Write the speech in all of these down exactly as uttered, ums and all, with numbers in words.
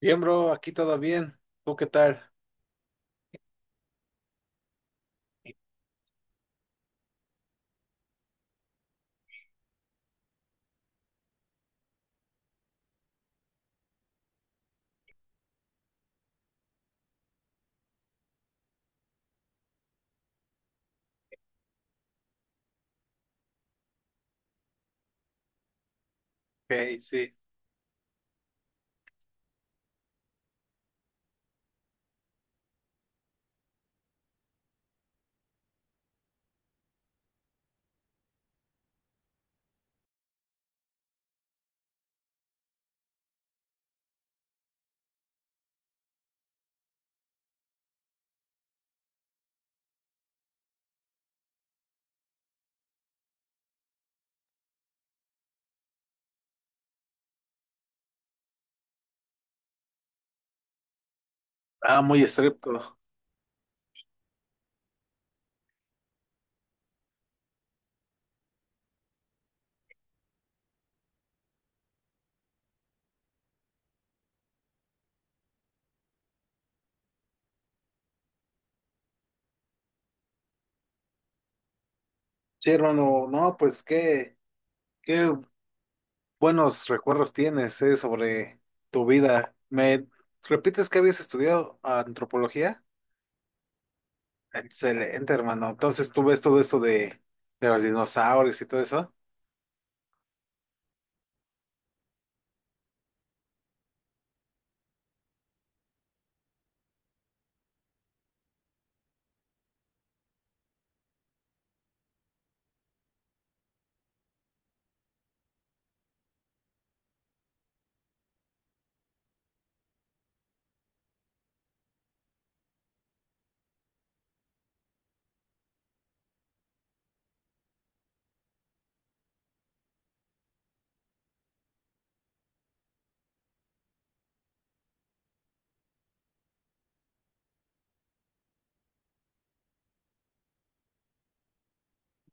Bien, bro, aquí todo bien. ¿Tú qué tal? Ok, sí. Ah, muy estricto. Sí, hermano, no, pues qué, qué buenos recuerdos tienes, eh, sobre tu vida. ¿Me repites que habías estudiado antropología? Excelente, hermano. Entonces tú ves todo esto de, de los dinosaurios y todo eso.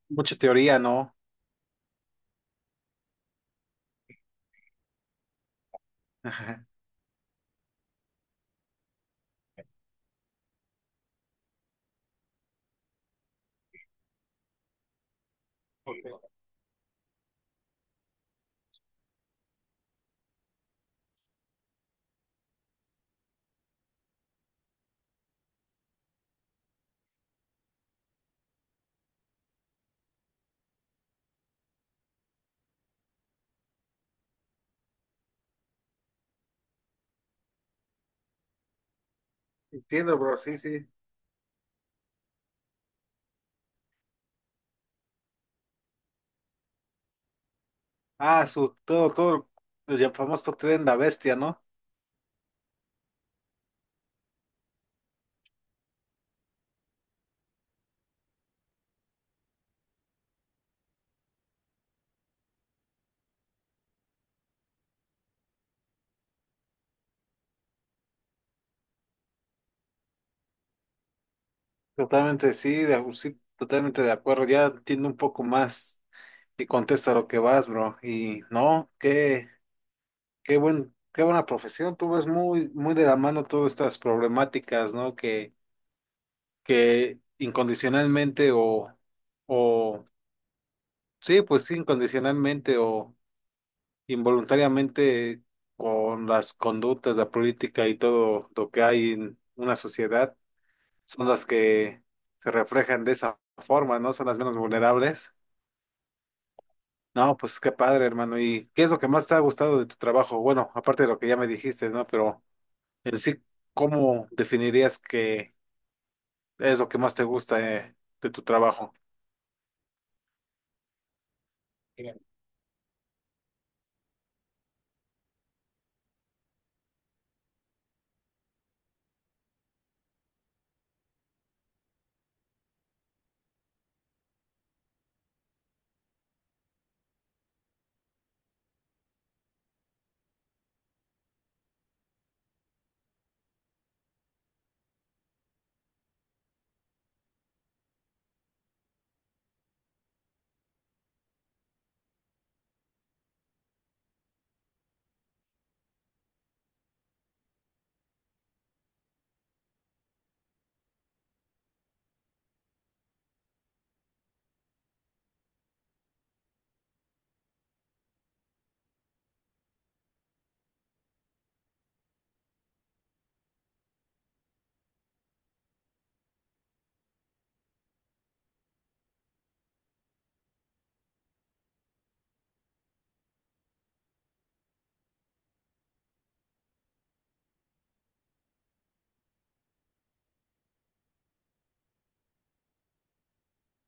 Mucha teoría, ¿no? Ajá. Ok. Entiendo, bro, sí, sí. Ah, su, todo, todo, el famoso tren de la bestia, ¿no? Totalmente, sí, de- sí, totalmente de acuerdo. Ya entiendo un poco más y contesta lo que vas, bro. Y no, qué, qué buen, qué buena profesión. Tú ves muy, muy de la mano todas estas problemáticas, ¿no? Que, que incondicionalmente o, o, sí, pues sí, incondicionalmente o involuntariamente con las conductas, la política y todo lo que hay en una sociedad, son las que se reflejan de esa forma, ¿no? Son las menos vulnerables. No, pues qué padre, hermano. ¿Y qué es lo que más te ha gustado de tu trabajo? Bueno, aparte de lo que ya me dijiste, ¿no? Pero en sí, ¿cómo definirías que es lo que más te gusta eh, de tu trabajo? Bien.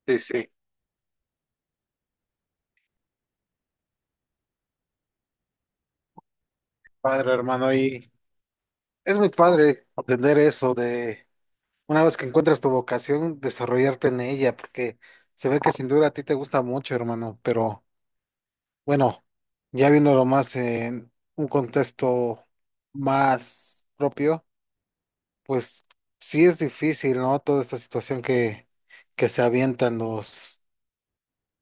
Sí, sí. Padre, hermano. Y es muy padre entender eso de una vez que encuentras tu vocación, desarrollarte en ella, porque se ve que sin duda a ti te gusta mucho, hermano. Pero bueno, ya viéndolo más en un contexto más propio. Pues sí es difícil, ¿no? Toda esta situación que, que se avientan los,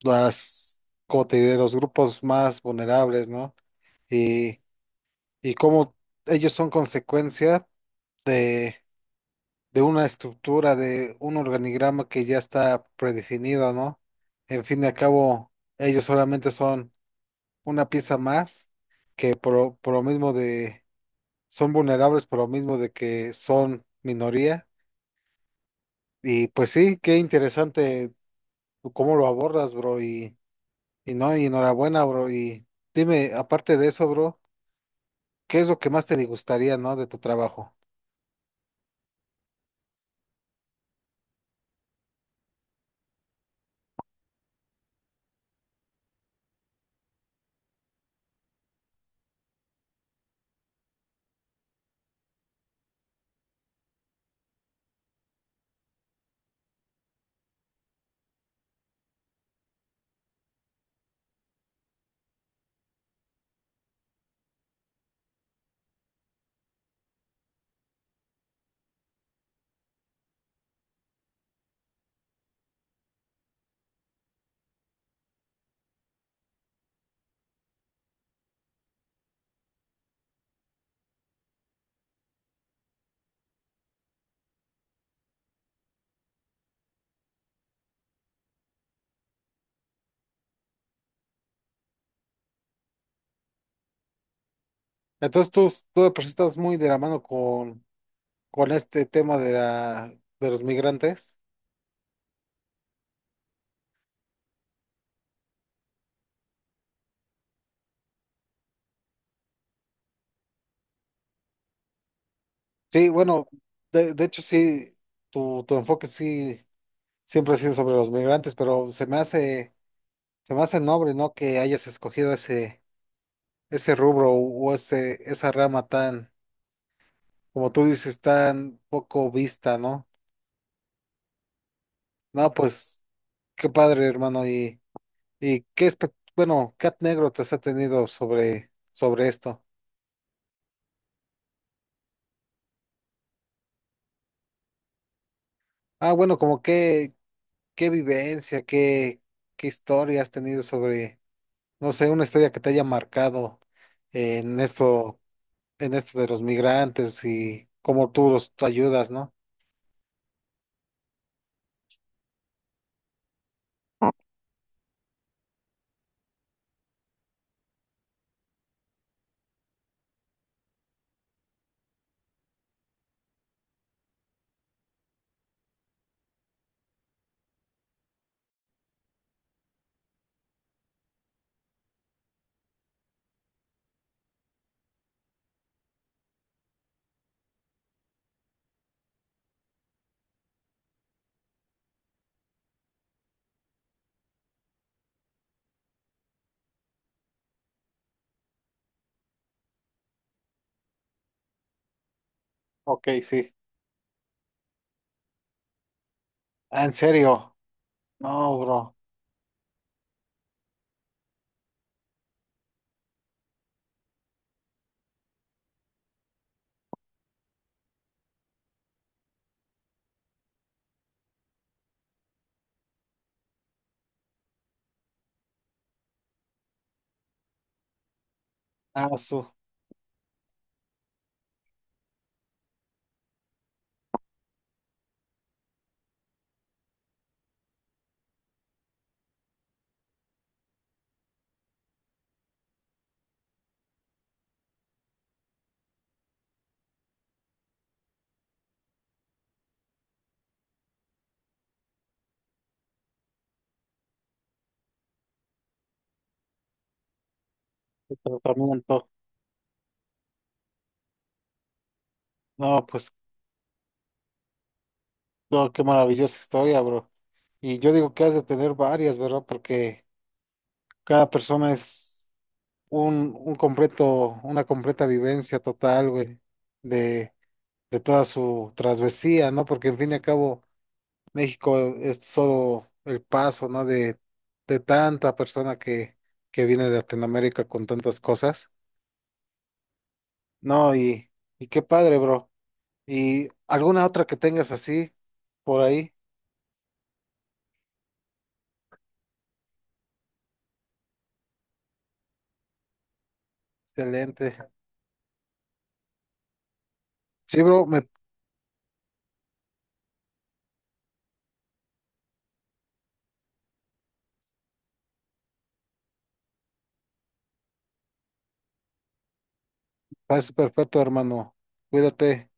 las, como te diré, los grupos más vulnerables, ¿no? Y, y cómo ellos son consecuencia de, de una estructura, de un organigrama que ya está predefinido, ¿no? En fin y al cabo, ellos solamente son una pieza más que por, lo- por lo mismo de, son vulnerables por lo mismo de que son minoría. Y pues sí, qué interesante tú cómo lo abordas, bro, y, y no, y enhorabuena, bro, y dime, aparte de eso, bro, ¿qué es lo que más te gustaría, no, de tu trabajo? Entonces tú, tú de por sí estás muy de la mano con, con este tema de la, de los migrantes. Sí, bueno, de, de hecho sí, tu, tu enfoque sí siempre ha sido sobre los migrantes, pero se me hace, se me hace noble, ¿no? Que hayas escogido ese, ese rubro o ese, esa rama tan, como tú dices, tan poco vista, ¿no? No, pues qué padre, hermano. Y, y qué espe- bueno, Cat Negro te has tenido sobre, sobre esto. Ah, bueno, como qué, qué vivencia, qué, qué historia has tenido sobre, no sé, una historia que te haya marcado en esto, en esto de los migrantes y cómo tú los tú ayudas, ¿no? Ok, sí. Ah, en serio. No, bro. Ah, su su tratamiento. No, pues. No, qué maravillosa historia, bro. Y yo digo que has de tener varias, ¿verdad? Porque cada persona es un, un completo, una completa vivencia total, güey, de, de toda su travesía, ¿no? Porque en fin y al cabo, México es solo el paso, ¿no? De, de tanta persona que, que viene de Latinoamérica con tantas cosas. No, y, y qué padre, bro. ¿Y alguna otra que tengas así por ahí? Excelente. Sí, bro, me Parece perfecto, hermano. Cuídate.